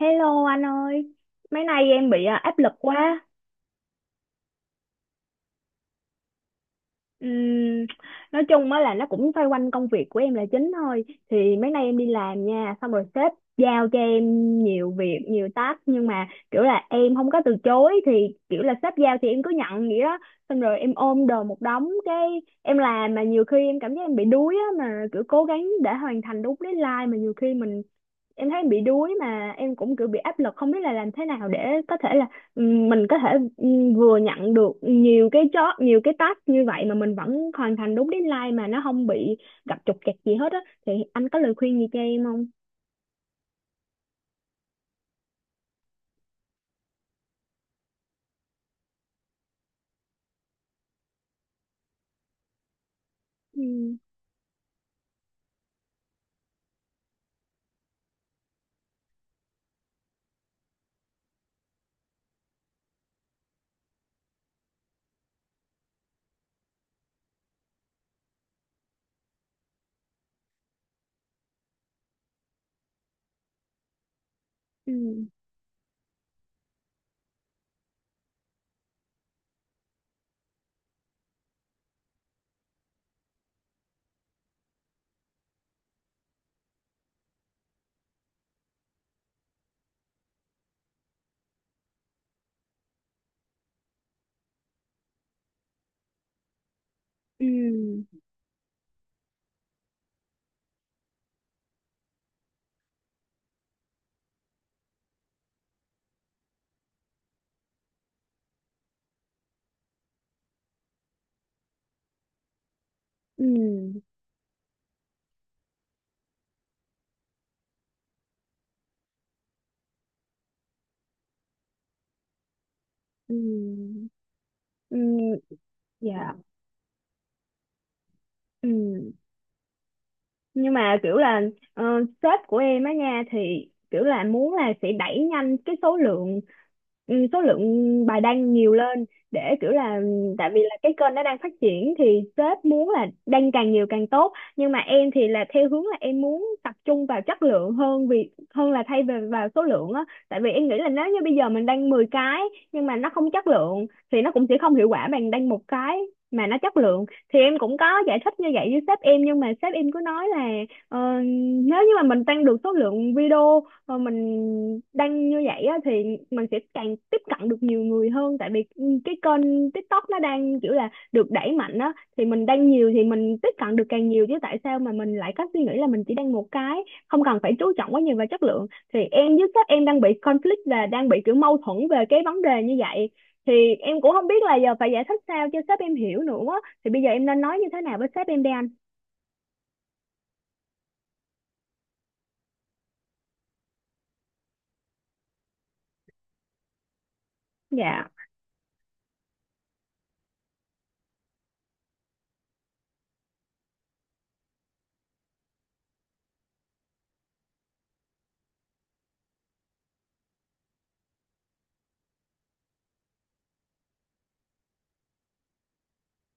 Hello anh ơi, mấy nay em bị áp lực quá. Ừm, nói chung á là nó cũng xoay quanh công việc của em là chính thôi. Thì mấy nay em đi làm nha, xong rồi sếp giao cho em nhiều việc, nhiều task nhưng mà kiểu là em không có từ chối thì kiểu là sếp giao thì em cứ nhận vậy đó. Xong rồi em ôm đồm một đống cái em làm mà nhiều khi em cảm giác em bị đuối á mà kiểu cố gắng để hoàn thành đúng deadline mà nhiều khi mình em thấy em bị đuối mà em cũng kiểu bị áp lực không biết là làm thế nào để có thể là mình có thể vừa nhận được nhiều cái job nhiều cái task như vậy mà mình vẫn hoàn thành đúng deadline mà nó không bị gặp trục trặc gì hết á thì anh có lời khuyên gì cho em không? Ừ, ừ, ừ, ừ, ừ, ừ. Dạ, ừ. Nhưng mà kiểu là ờ, sếp của em á nha thì kiểu là muốn là sẽ đẩy nhanh cái số lượng, số lượng bài đăng nhiều lên để kiểu là tại vì là cái kênh nó đang phát triển thì sếp muốn là đăng càng nhiều càng tốt nhưng mà em thì là theo hướng là em muốn tập trung vào chất lượng hơn vì hơn là thay về vào số lượng á tại vì em nghĩ là nếu như bây giờ mình đăng 10 cái nhưng mà nó không chất lượng thì nó cũng sẽ không hiệu quả bằng đăng một cái mà nó chất lượng thì em cũng có giải thích như vậy với sếp em nhưng mà sếp em cứ nói là ờ, nếu như mà mình tăng được số lượng video mà mình đăng như vậy á, thì mình sẽ càng tiếp cận được nhiều người hơn tại vì cái kênh TikTok nó đang kiểu là được đẩy mạnh á thì mình đăng nhiều thì mình tiếp cận được càng nhiều chứ tại sao mà mình lại có suy nghĩ là mình chỉ đăng một cái không cần phải chú trọng quá nhiều vào chất lượng thì em với sếp em đang bị conflict và đang bị kiểu mâu thuẫn về cái vấn đề như vậy thì em cũng không biết là giờ phải giải thích sao cho sếp em hiểu nữa thì bây giờ em nên nói như thế nào với sếp em đây anh? Dạ,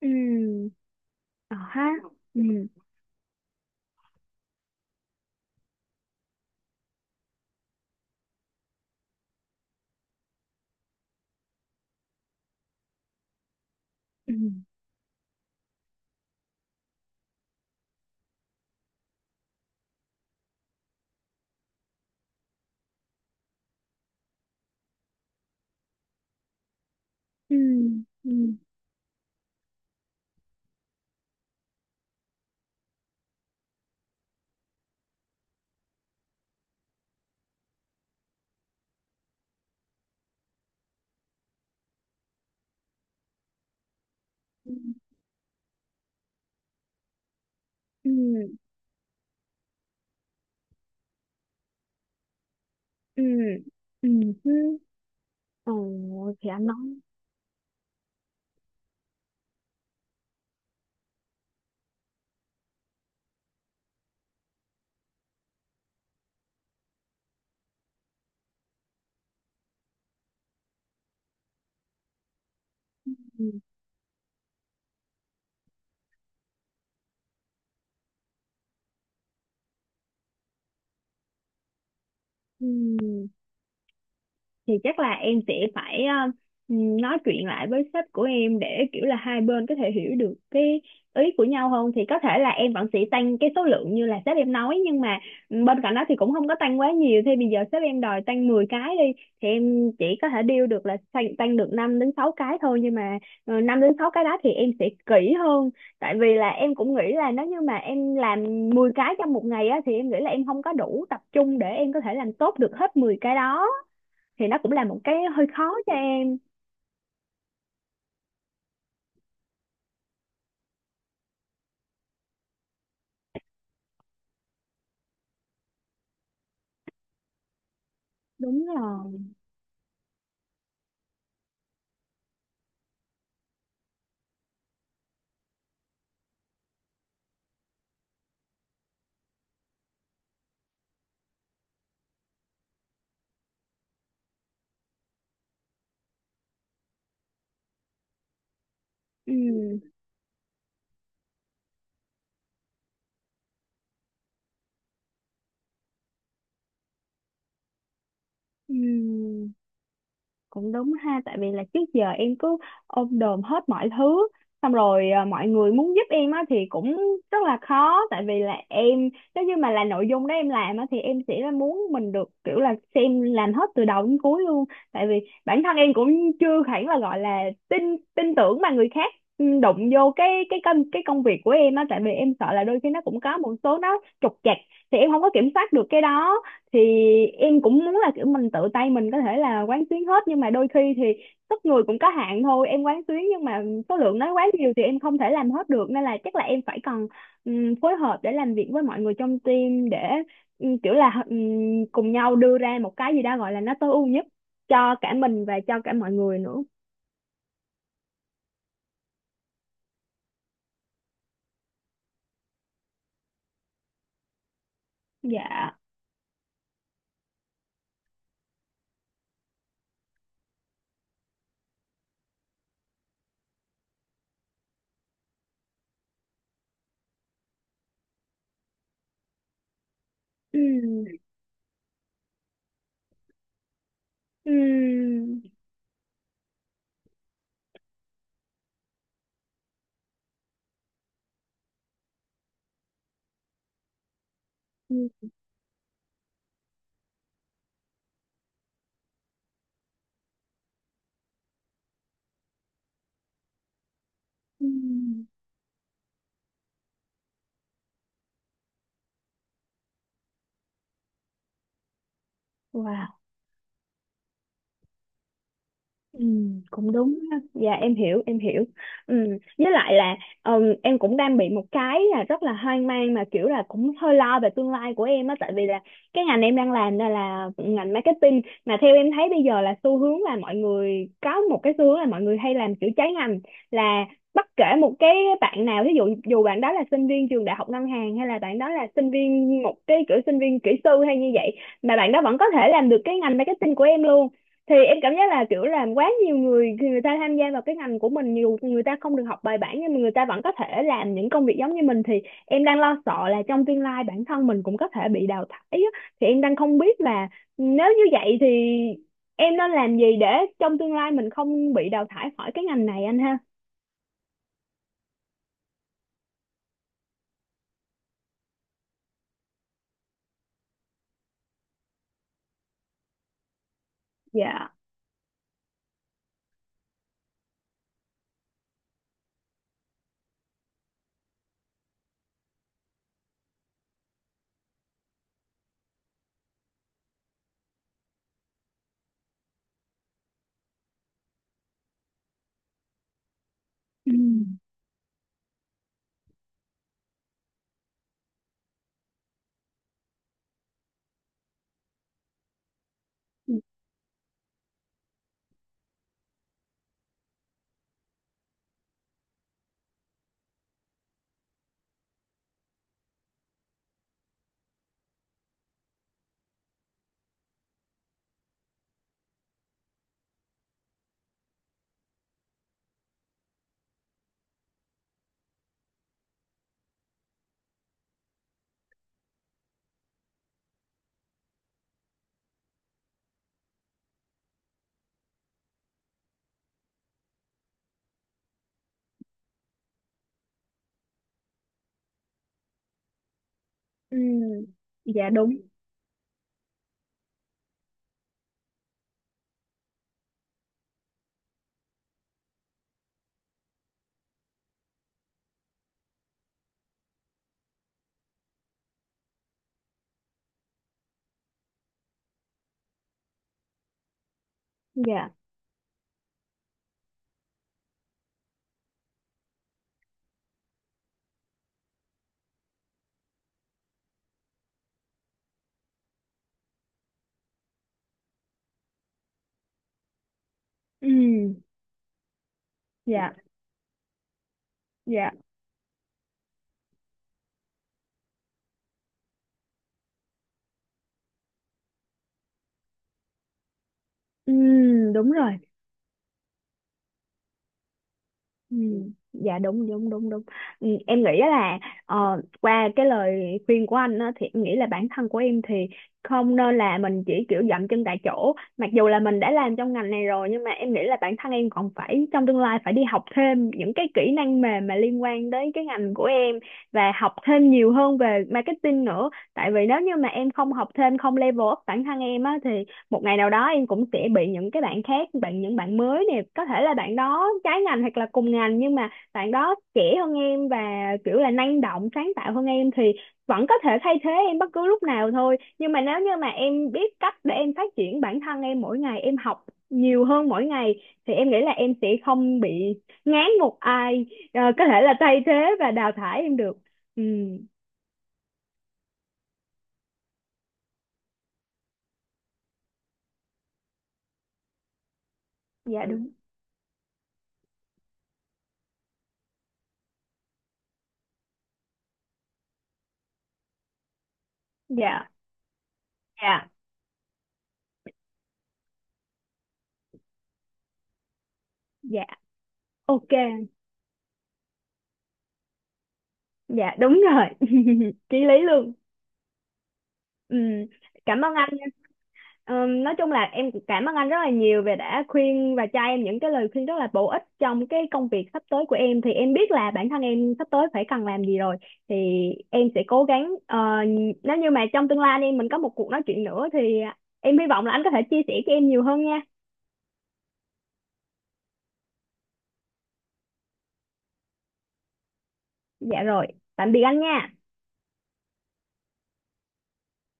ừ, ờ ha, ừ, ừ, ừ, ừ, ừ, ừ, ừ, ừ, ừ, ừ. Thì anh nói ừ, ừ, thì chắc là em sẽ phải nói chuyện lại với sếp của em để kiểu là hai bên có thể hiểu được cái ý của nhau hơn thì có thể là em vẫn sẽ tăng cái số lượng như là sếp em nói nhưng mà bên cạnh đó thì cũng không có tăng quá nhiều thì bây giờ sếp em đòi tăng 10 cái đi thì em chỉ có thể deal được là tăng được 5 đến 6 cái thôi nhưng mà 5 đến 6 cái đó thì em sẽ kỹ hơn tại vì là em cũng nghĩ là nếu như mà em làm 10 cái trong một ngày á thì em nghĩ là em không có đủ tập trung để em có thể làm tốt được hết 10 cái đó thì nó cũng là một cái hơi khó cho em. Đúng rồi, ừ, ừ, cũng đúng ha tại vì là trước giờ em cứ ôm đồm hết mọi thứ xong rồi mọi người muốn giúp em á thì cũng rất là khó tại vì là em nếu như mà là nội dung đó em làm á thì em sẽ là muốn mình được kiểu là xem làm hết từ đầu đến cuối luôn tại vì bản thân em cũng chưa hẳn là gọi là tin tin tưởng mà người khác đụng vô cái công việc của em á tại vì em sợ là đôi khi nó cũng có một số nó trục trặc thì em không có kiểm soát được cái đó thì em cũng muốn là kiểu mình tự tay mình có thể là quán xuyến hết nhưng mà đôi khi thì sức người cũng có hạn thôi em quán xuyến nhưng mà số lượng nó quá nhiều thì em không thể làm hết được nên là chắc là em phải cần phối hợp để làm việc với mọi người trong team để kiểu là cùng nhau đưa ra một cái gì đó gọi là nó tối ưu nhất cho cả mình và cho cả mọi người nữa. Dạ, ừm, ừm, ừm. Wow, ừ, cũng đúng ha. Dạ em hiểu em hiểu, ừ. Với lại là em cũng đang bị một cái là rất là hoang mang mà kiểu là cũng hơi lo về tương lai của em á tại vì là cái ngành em đang làm là ngành marketing mà theo em thấy bây giờ là xu hướng là mọi người có một cái xu hướng là mọi người hay làm kiểu trái ngành là bất kể một cái bạn nào ví dụ dù bạn đó là sinh viên trường đại học ngân hàng hay là bạn đó là sinh viên một cái kiểu sinh viên kỹ sư hay như vậy mà bạn đó vẫn có thể làm được cái ngành marketing của em luôn thì em cảm giác là kiểu làm quá nhiều người người ta tham gia vào cái ngành của mình dù người ta không được học bài bản nhưng mà người ta vẫn có thể làm những công việc giống như mình thì em đang lo sợ là trong tương lai bản thân mình cũng có thể bị đào thải á. Thì em đang không biết là nếu như vậy thì em nên làm gì để trong tương lai mình không bị đào thải khỏi cái ngành này anh ha? Dạ, ừ, ừ. Dạ đúng. Dạ, ừ, dạ, dạ, ừ, đúng rồi, ừ, dạ đúng đúng đúng đúng, ừ, em nghĩ là qua cái lời khuyên của anh á, thì em nghĩ là bản thân của em thì không nên là mình chỉ kiểu dậm chân tại chỗ mặc dù là mình đã làm trong ngành này rồi nhưng mà em nghĩ là bản thân em còn phải trong tương lai phải đi học thêm những cái kỹ năng mềm mà liên quan đến cái ngành của em và học thêm nhiều hơn về marketing nữa tại vì nếu như mà em không học thêm không level up bản thân em á thì một ngày nào đó em cũng sẽ bị những cái bạn khác bạn những bạn mới nè có thể là bạn đó trái ngành hoặc là cùng ngành nhưng mà bạn đó trẻ hơn em và kiểu là năng động sáng tạo hơn em thì vẫn có thể thay thế em bất cứ lúc nào thôi nhưng mà nếu như mà em biết cách để em phát triển bản thân em mỗi ngày em học nhiều hơn mỗi ngày thì em nghĩ là em sẽ không bị ngán một ai có thể là thay thế và đào thải em được, ừ. Dạ đúng, dạ, dạ, dạ, ok. Dạ đúng rồi Chí lý luôn, ừ. Cảm ơn anh nha. Nói chung là em cũng cảm ơn anh rất là nhiều về đã khuyên và cho em những cái lời khuyên rất là bổ ích trong cái công việc sắp tới của em thì em biết là bản thân em sắp tới phải cần làm gì rồi. Thì em sẽ cố gắng nếu như mà trong tương lai anh em mình có một cuộc nói chuyện nữa thì em hy vọng là anh có thể chia sẻ cho em nhiều hơn nha. Dạ rồi, tạm biệt anh nha.